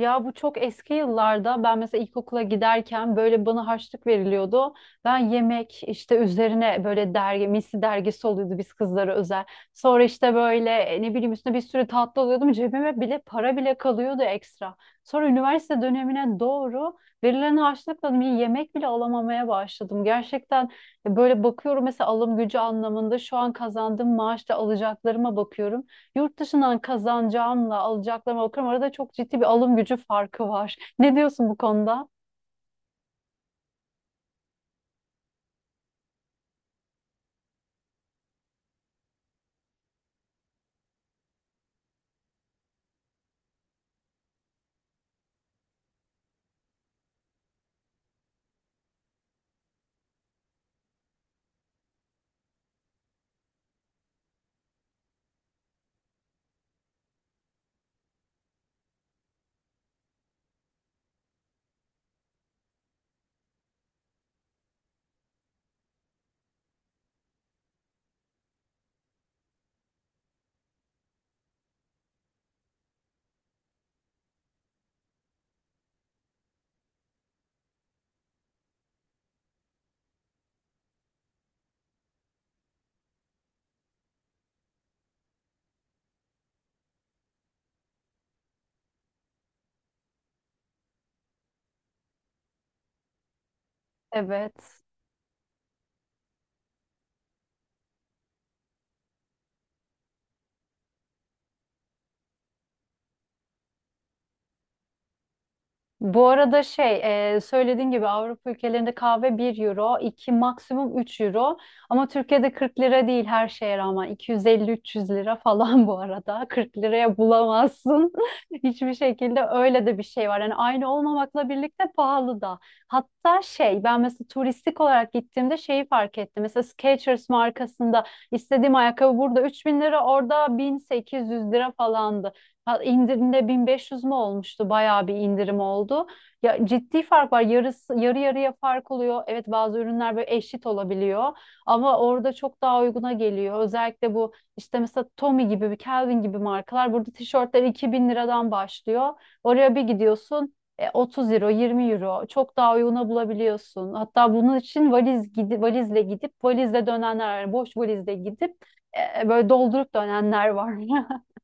Ya bu çok eski yıllarda ben mesela ilkokula giderken böyle bana harçlık veriliyordu. Ben yemek işte üzerine böyle dergi, misli dergisi oluyordu biz kızlara özel. Sonra işte böyle ne bileyim üstüne bir sürü tatlı alıyordum. Cebime bile para bile kalıyordu ekstra. Sonra üniversite dönemine doğru verilen harçlıkla bir yemek bile alamamaya başladım. Gerçekten böyle bakıyorum mesela alım gücü anlamında şu an kazandığım maaşla alacaklarıma bakıyorum. Yurt dışından kazanacağımla alacaklarıma bakıyorum. Arada çok ciddi bir alım gücü farkı var. Ne diyorsun bu konuda? Evet. Bu arada şey söylediğin gibi Avrupa ülkelerinde kahve bir euro, 2 maksimum 3 euro ama Türkiye'de 40 lira değil, her şeye rağmen 250-300 lira falan bu arada, 40 liraya bulamazsın hiçbir şekilde. Öyle de bir şey var yani, aynı olmamakla birlikte pahalı da. Hatta şey, ben mesela turistik olarak gittiğimde şeyi fark ettim. Mesela Skechers markasında istediğim ayakkabı burada 3000 lira, orada 1800 lira falandı. Ha, indirimde 1500 mü olmuştu? Bayağı bir indirim oldu. Ya, ciddi fark var. Yarısı, yarı yarıya fark oluyor. Evet, bazı ürünler böyle eşit olabiliyor ama orada çok daha uyguna geliyor. Özellikle bu işte mesela Tommy gibi, bir Calvin gibi markalar, burada tişörtler 2000 liradan başlıyor. Oraya bir gidiyorsun 30 euro, 20 euro çok daha uyguna bulabiliyorsun. Hatta bunun için valizle gidip valizle dönenler var. Boş valizle gidip böyle doldurup dönenler var.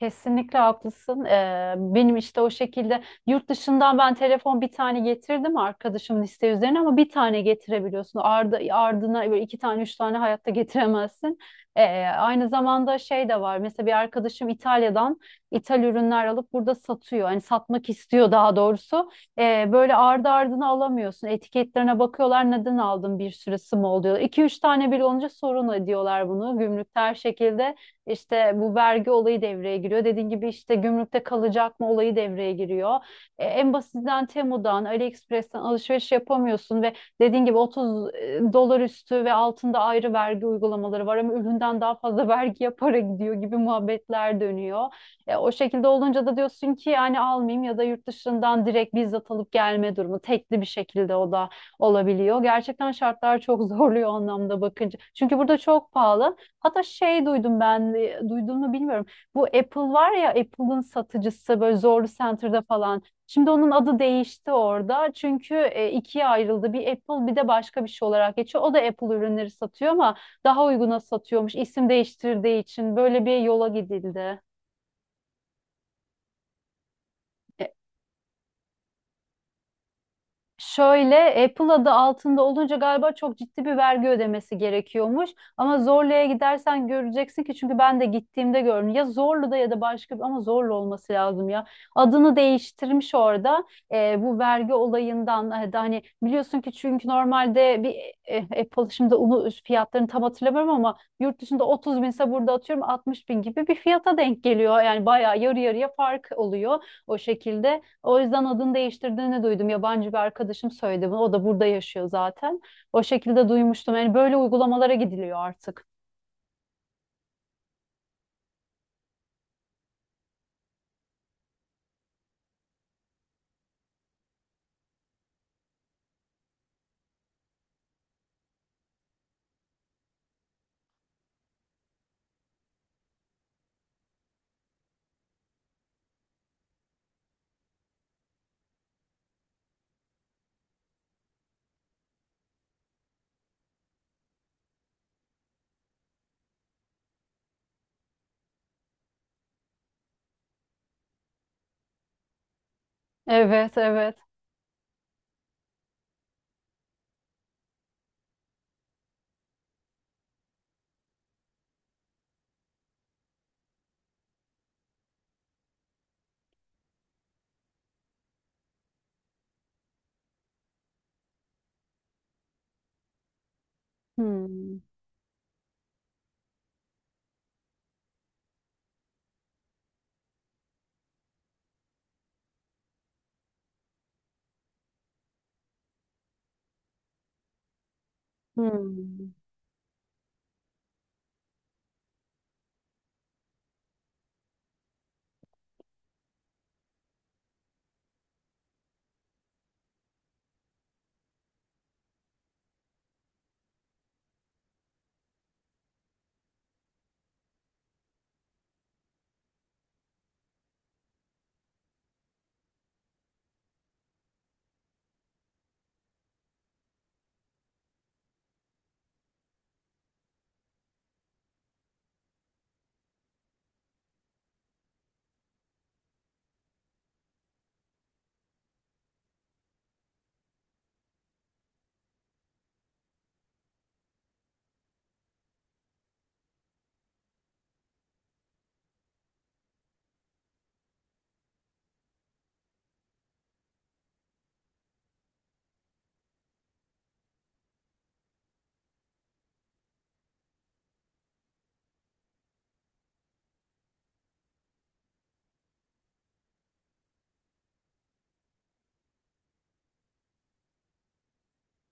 Kesinlikle haklısın. Benim işte o şekilde yurt dışından ben telefon bir tane getirdim arkadaşımın isteği üzerine, ama bir tane getirebiliyorsun. Ardı ardına böyle iki tane, üç tane hayatta getiremezsin. Aynı zamanda şey de var. Mesela bir arkadaşım İtalya'dan ithal ürünler alıp burada satıyor. Hani satmak istiyor daha doğrusu. Böyle ardı ardına alamıyorsun. Etiketlerine bakıyorlar, neden aldın, bir sürü mı oluyor. İki üç tane bile olunca sorun ediyorlar bunu. Gümrükte her şekilde. İşte bu vergi olayı devreye giriyor. Dediğin gibi işte gümrükte kalacak mı olayı devreye giriyor. En basitinden Temu'dan, AliExpress'ten alışveriş yapamıyorsun ve dediğin gibi 30 dolar üstü ve altında ayrı vergi uygulamaları var, ama üründen daha fazla vergiye para gidiyor gibi muhabbetler dönüyor. O şekilde olunca da diyorsun ki yani almayayım, ya da yurt dışından direkt bizzat alıp gelme durumu, tekli bir şekilde o da olabiliyor. Gerçekten şartlar çok zorluyor o anlamda bakınca. Çünkü burada çok pahalı. Hatta şey duydum ben, duydum mu bilmiyorum. Bu Apple var ya, Apple'ın satıcısı böyle Zorlu Center'da falan. Şimdi onun adı değişti orada. Çünkü ikiye ayrıldı. Bir Apple, bir de başka bir şey olarak geçiyor. O da Apple ürünleri satıyor ama daha uyguna satıyormuş. İsim değiştirdiği için böyle bir yola gidildi. Şöyle, Apple adı altında olunca galiba çok ciddi bir vergi ödemesi gerekiyormuş. Ama Zorlu'ya gidersen göreceksin, ki çünkü ben de gittiğimde gördüm. Ya Zorlu'da ya da başka bir, ama Zorlu olması lazım ya. Adını değiştirmiş orada bu vergi olayından da, hani biliyorsun ki çünkü normalde bir Apple, şimdi onu, fiyatlarını tam hatırlamıyorum ama yurt dışında 30 binse burada atıyorum 60 bin gibi bir fiyata denk geliyor. Yani bayağı yarı yarıya fark oluyor o şekilde. O yüzden adını değiştirdiğini duydum. Yabancı bir arkadaşım söyledi bunu. O da burada yaşıyor zaten. O şekilde duymuştum. Yani böyle uygulamalara gidiliyor artık. Evet, evet. Hmm. Hmm.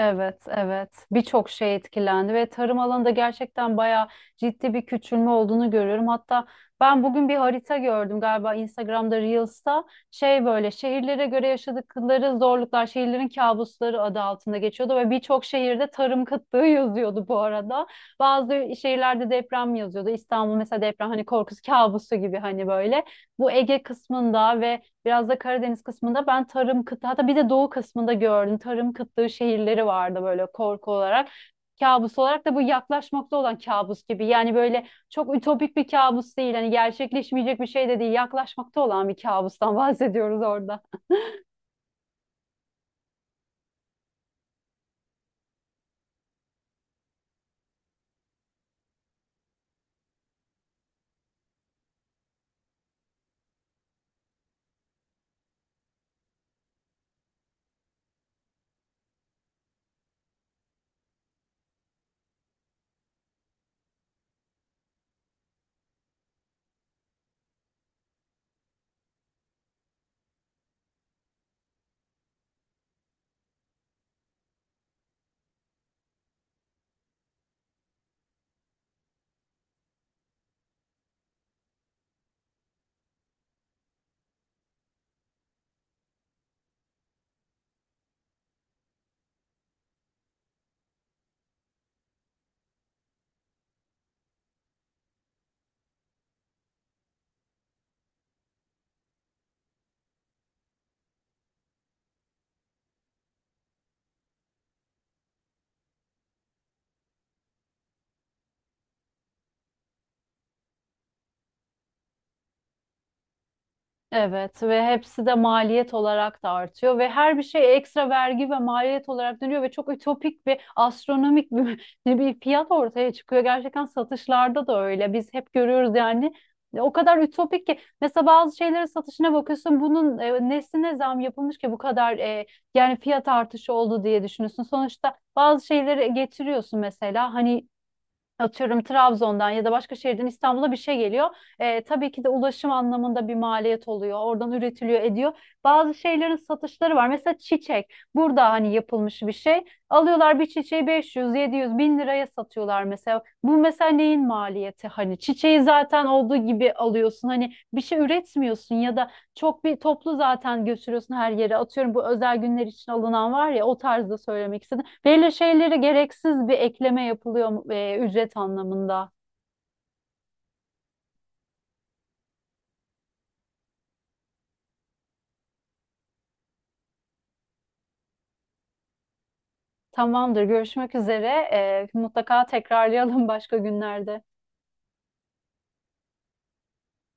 Evet, evet. Birçok şey etkilendi ve tarım alanında gerçekten bayağı ciddi bir küçülme olduğunu görüyorum. Hatta ben bugün bir harita gördüm, galiba Instagram'da, Reels'ta. Şey böyle, şehirlere göre yaşadıkları zorluklar, şehirlerin kabusları adı altında geçiyordu ve birçok şehirde tarım kıtlığı yazıyordu bu arada. Bazı şehirlerde deprem yazıyordu. İstanbul mesela deprem, hani korkusu, kabusu gibi hani böyle. Bu Ege kısmında ve biraz da Karadeniz kısmında ben tarım kıtlığı, hatta bir de doğu kısmında gördüm. Tarım kıtlığı şehirleri vardı böyle, korku olarak. Kabus olarak da bu, yaklaşmakta olan kabus gibi. Yani böyle çok ütopik bir kabus değil. Hani gerçekleşmeyecek bir şey de değil. Yaklaşmakta olan bir kabustan bahsediyoruz orada. Evet, ve hepsi de maliyet olarak da artıyor ve her bir şey ekstra vergi ve maliyet olarak dönüyor ve çok ütopik ve astronomik bir, bir fiyat ortaya çıkıyor. Gerçekten satışlarda da öyle. Biz hep görüyoruz yani, o kadar ütopik ki mesela bazı şeylerin satışına bakıyorsun, bunun nesine zam yapılmış ki bu kadar, yani fiyat artışı oldu diye düşünüyorsun. Sonuçta bazı şeyleri getiriyorsun, mesela hani atıyorum Trabzon'dan ya da başka şehirden İstanbul'a bir şey geliyor. Tabii ki de ulaşım anlamında bir maliyet oluyor. Oradan üretiliyor, ediyor. Bazı şeylerin satışları var. Mesela çiçek. Burada hani yapılmış bir şey. Alıyorlar bir çiçeği 500, 700, 1000 liraya satıyorlar mesela. Bu mesela neyin maliyeti? Hani çiçeği zaten olduğu gibi alıyorsun. Hani bir şey üretmiyorsun ya da çok bir toplu zaten götürüyorsun her yere. Atıyorum bu özel günler için alınan var ya, o tarzda söylemek istedim. Belli şeylere gereksiz bir ekleme yapılıyor, ücret anlamında. Tamamdır. Görüşmek üzere. Mutlaka tekrarlayalım başka günlerde.